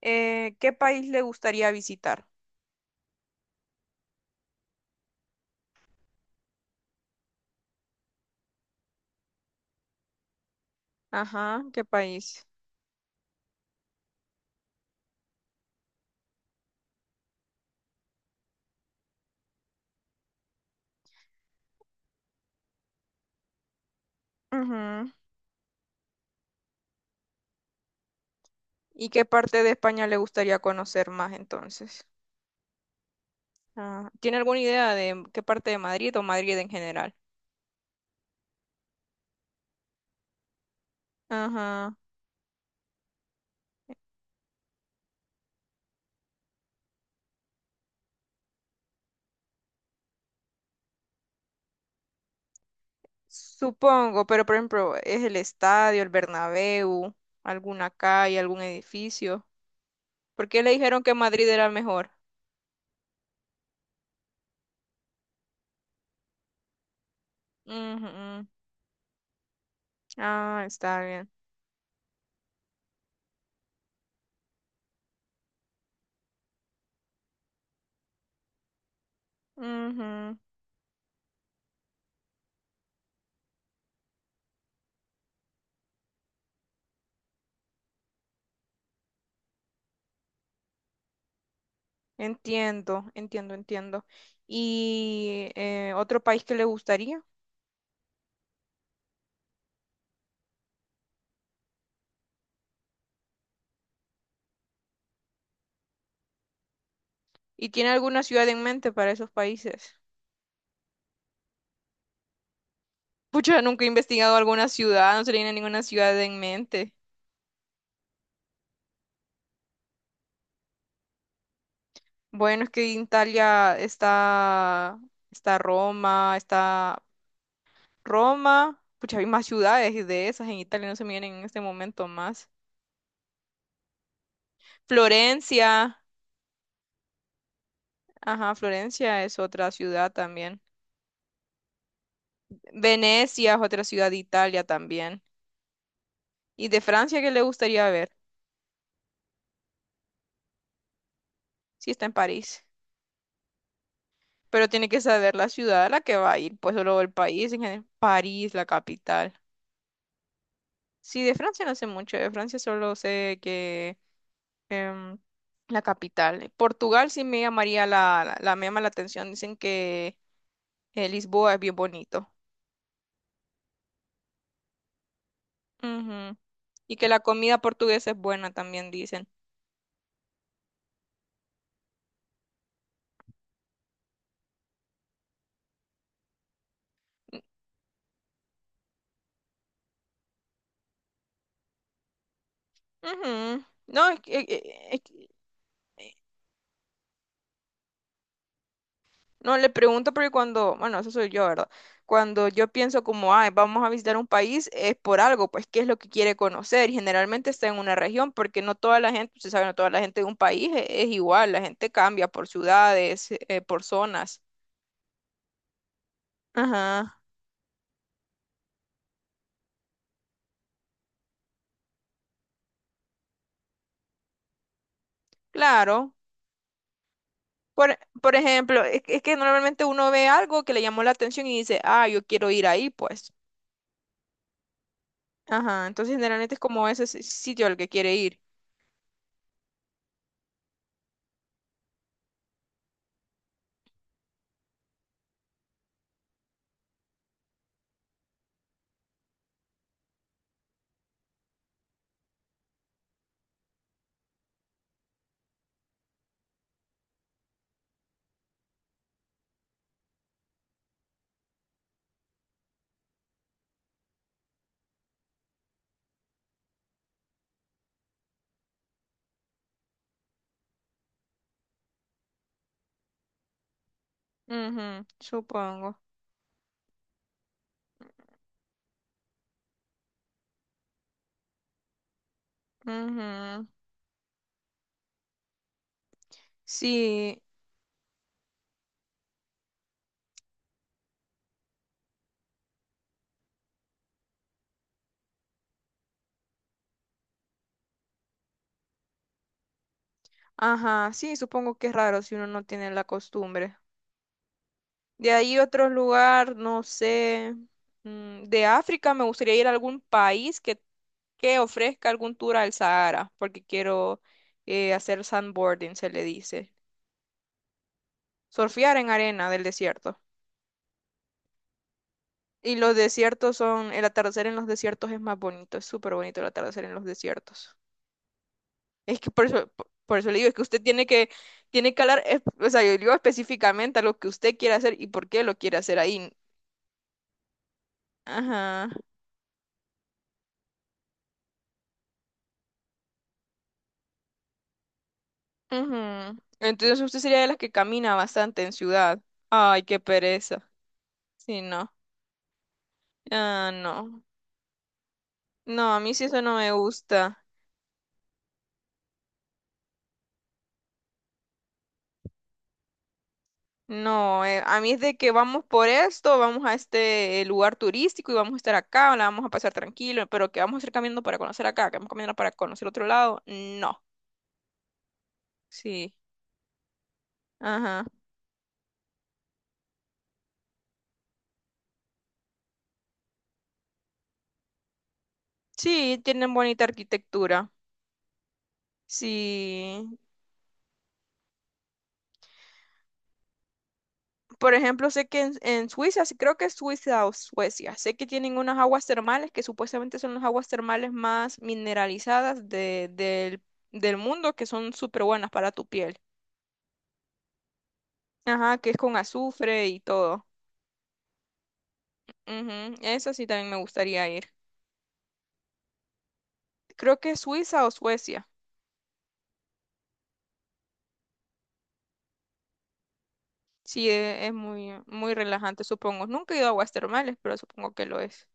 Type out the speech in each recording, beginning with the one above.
¿Qué país le gustaría visitar? Ajá, ¿qué país? Ujú. ¿Y qué parte de España le gustaría conocer más entonces? Ah, ¿tiene alguna idea de qué parte de Madrid o Madrid en general? Ajá, supongo, pero por ejemplo, ¿es el estadio, el Bernabéu, alguna calle, algún edificio? ¿Por qué le dijeron que Madrid era mejor? Ujú. Ah, está bien. Ujú. Entiendo, entiendo, entiendo. ¿Y otro país que le gustaría? ¿Y tiene alguna ciudad en mente para esos países? Pucha, nunca he investigado alguna ciudad, no se le viene ninguna ciudad en mente. Bueno, es que en Italia está, está Roma, está Roma. Pucha, hay más ciudades de esas en Italia, no se me vienen en este momento más. Florencia, ajá, Florencia es otra ciudad también. Venecia es otra ciudad de Italia también. ¿Y de Francia qué le gustaría ver? Si está en París. Pero tiene que saber la ciudad a la que va a ir, pues solo el país en general. París, la capital. Sí, de Francia no sé mucho, de Francia solo sé que em, la capital. Portugal sí me llamaría me llama la atención, dicen que Lisboa es bien bonito. Ujú. Y que la comida portuguesa es buena también, dicen. Ujú. No, es, que, e, e, e, No, le pregunto porque cuando, bueno, eso soy yo, ¿verdad? Cuando yo pienso como, ay, vamos a visitar un país, es por algo, pues, ¿qué es lo que quiere conocer? Y generalmente está en una región, porque no toda la gente, usted sabe, no toda la gente de un país es, igual, la gente cambia por ciudades, por zonas. Ajá, claro. Por ejemplo, es que normalmente uno ve algo que le llamó la atención y dice, ah, yo quiero ir ahí, pues. Ajá, entonces generalmente es como ese sitio al que quiere ir. Ujú, supongo. Ujú. Sí. Ajá, sí, supongo que es raro si uno no tiene la costumbre. De ahí otro lugar, no sé, mm, de África me gustaría ir a algún país que ofrezca algún tour al Sahara, porque quiero hacer sandboarding, se le dice. Surfear en arena del desierto. Y los desiertos son, el atardecer en los desiertos es más bonito, es súper bonito el atardecer en los desiertos. Es que por eso, por eso le digo, es que usted tiene que... Tiene que hablar, o sea, yo digo específicamente a lo que usted quiere hacer y por qué lo quiere hacer ahí. Ajá. Ujú. Entonces usted sería de las que camina bastante en ciudad. Ay, qué pereza. Sí, no. Ah, no. No, a mí sí eso no me gusta. No, a mí es de que vamos por esto, vamos a este lugar turístico y vamos a estar acá, la vamos a pasar tranquilo, pero que vamos a ir caminando para conocer acá, que vamos caminando para conocer otro lado. No. Sí. Ajá. Sí, tienen bonita arquitectura. Sí. Por ejemplo, sé que en Suiza, sí, creo que es Suiza o Suecia, sé que tienen unas aguas termales que supuestamente son las aguas termales más mineralizadas del, del mundo, que son súper buenas para tu piel. Ajá, que es con azufre y todo. Ujú, eso sí también me gustaría ir. Creo que es Suiza o Suecia. Sí, es muy, muy relajante, supongo. Nunca he ido a aguas termales, pero supongo que lo es.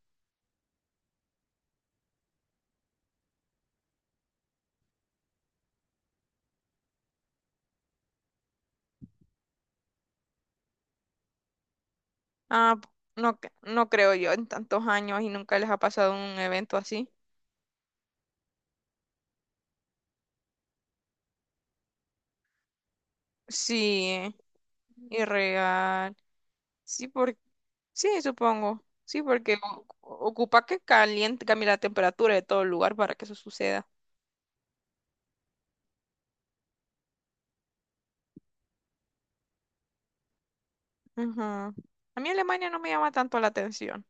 Ah, no, no creo yo en tantos años y nunca les ha pasado un evento así. Sí, irreal. Sí, por... sí, supongo. Sí, porque ocupa que caliente, cambie la temperatura de todo el lugar para que eso suceda. Ujú. A mí Alemania no me llama tanto la atención.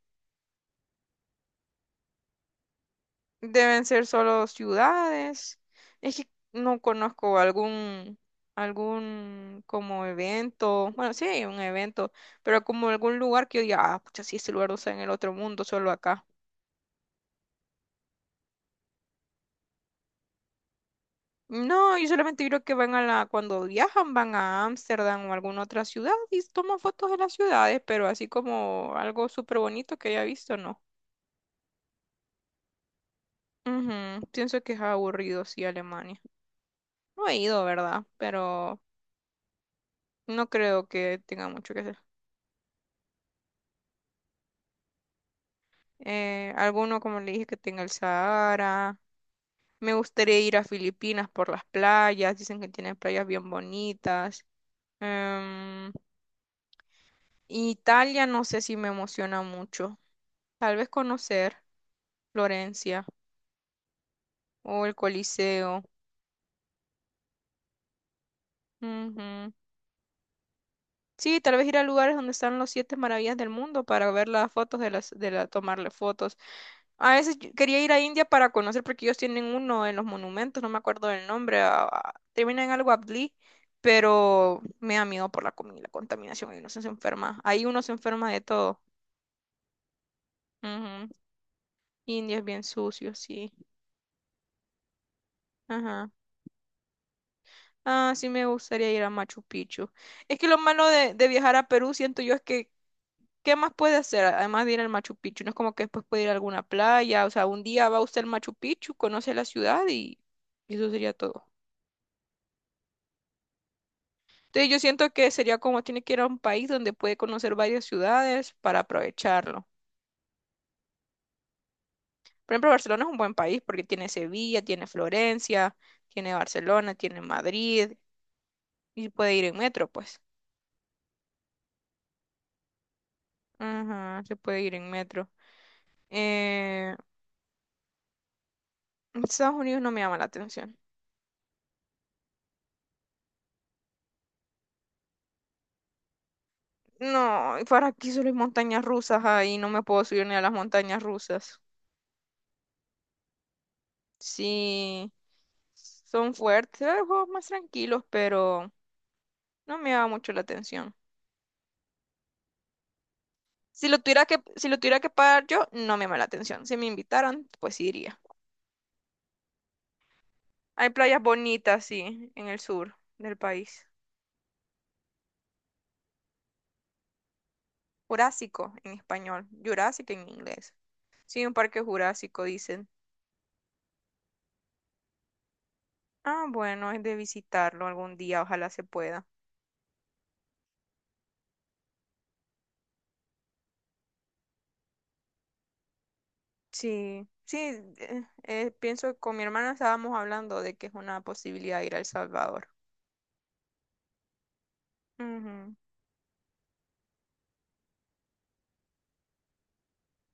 Deben ser solo ciudades. Es que no conozco algún, algún como evento. Bueno, sí, un evento, pero como algún lugar que yo diga, ah, pucha, sí, este lugar no está en el otro mundo, solo acá. No, yo solamente creo que van a la, cuando viajan, van a Ámsterdam o alguna otra ciudad y toman fotos de las ciudades, pero así como algo súper bonito que haya visto, no. Ujú, pienso que es aburrido, sí, Alemania. No he ido, ¿verdad? Pero no creo que tenga mucho que hacer. Alguno, como le dije, que tenga el Sahara. Me gustaría ir a Filipinas por las playas. Dicen que tienen playas bien bonitas. Em, Italia no sé si me emociona mucho. Tal vez conocer. Florencia o el Coliseo. Ujú. Sí, tal vez ir a lugares donde están los siete maravillas del mundo para ver las fotos de las, de la, tomarle fotos. A veces yo quería ir a India para conocer porque ellos tienen uno en los monumentos, no me acuerdo del nombre, termina en algo Abdi, pero me da miedo por la comida y la contaminación, y uno se enferma, ahí uno se enferma de todo. Ujú. India es bien sucio, sí. Ajá. Ah, sí me gustaría ir a Machu Picchu. Es que lo malo de viajar a Perú, siento yo, es que ¿qué más puede hacer? Además de ir al Machu Picchu, no es como que después puede ir a alguna playa, o sea, un día va usted al Machu Picchu, conoce la ciudad y eso sería todo. Entonces yo siento que sería como tiene que ir a un país donde puede conocer varias ciudades para aprovecharlo. Por ejemplo, Barcelona es un buen país porque tiene Sevilla, tiene Florencia, tiene Barcelona, tiene Madrid y puede ir en metro, pues. Ajá, se puede ir en metro. Eh, Estados Unidos no me llama la atención. No, ¿y ¿para aquí solo hay montañas rusas ahí? No me puedo subir ni a las montañas rusas. Sí, son fuertes, hay juegos más tranquilos, pero no me llama mucho la atención. Si lo tuviera que, si lo tuviera que pagar yo, no me llama la atención. Si me invitaran, pues sí iría. Hay playas bonitas, sí, en el sur del país. Jurásico en español, jurásico en inglés. Sí, un parque jurásico, dicen. Ah, bueno, es de visitarlo algún día, ojalá se pueda. Sí, sí, pienso que con mi hermana estábamos hablando de que es una posibilidad ir a El Salvador. Ujú.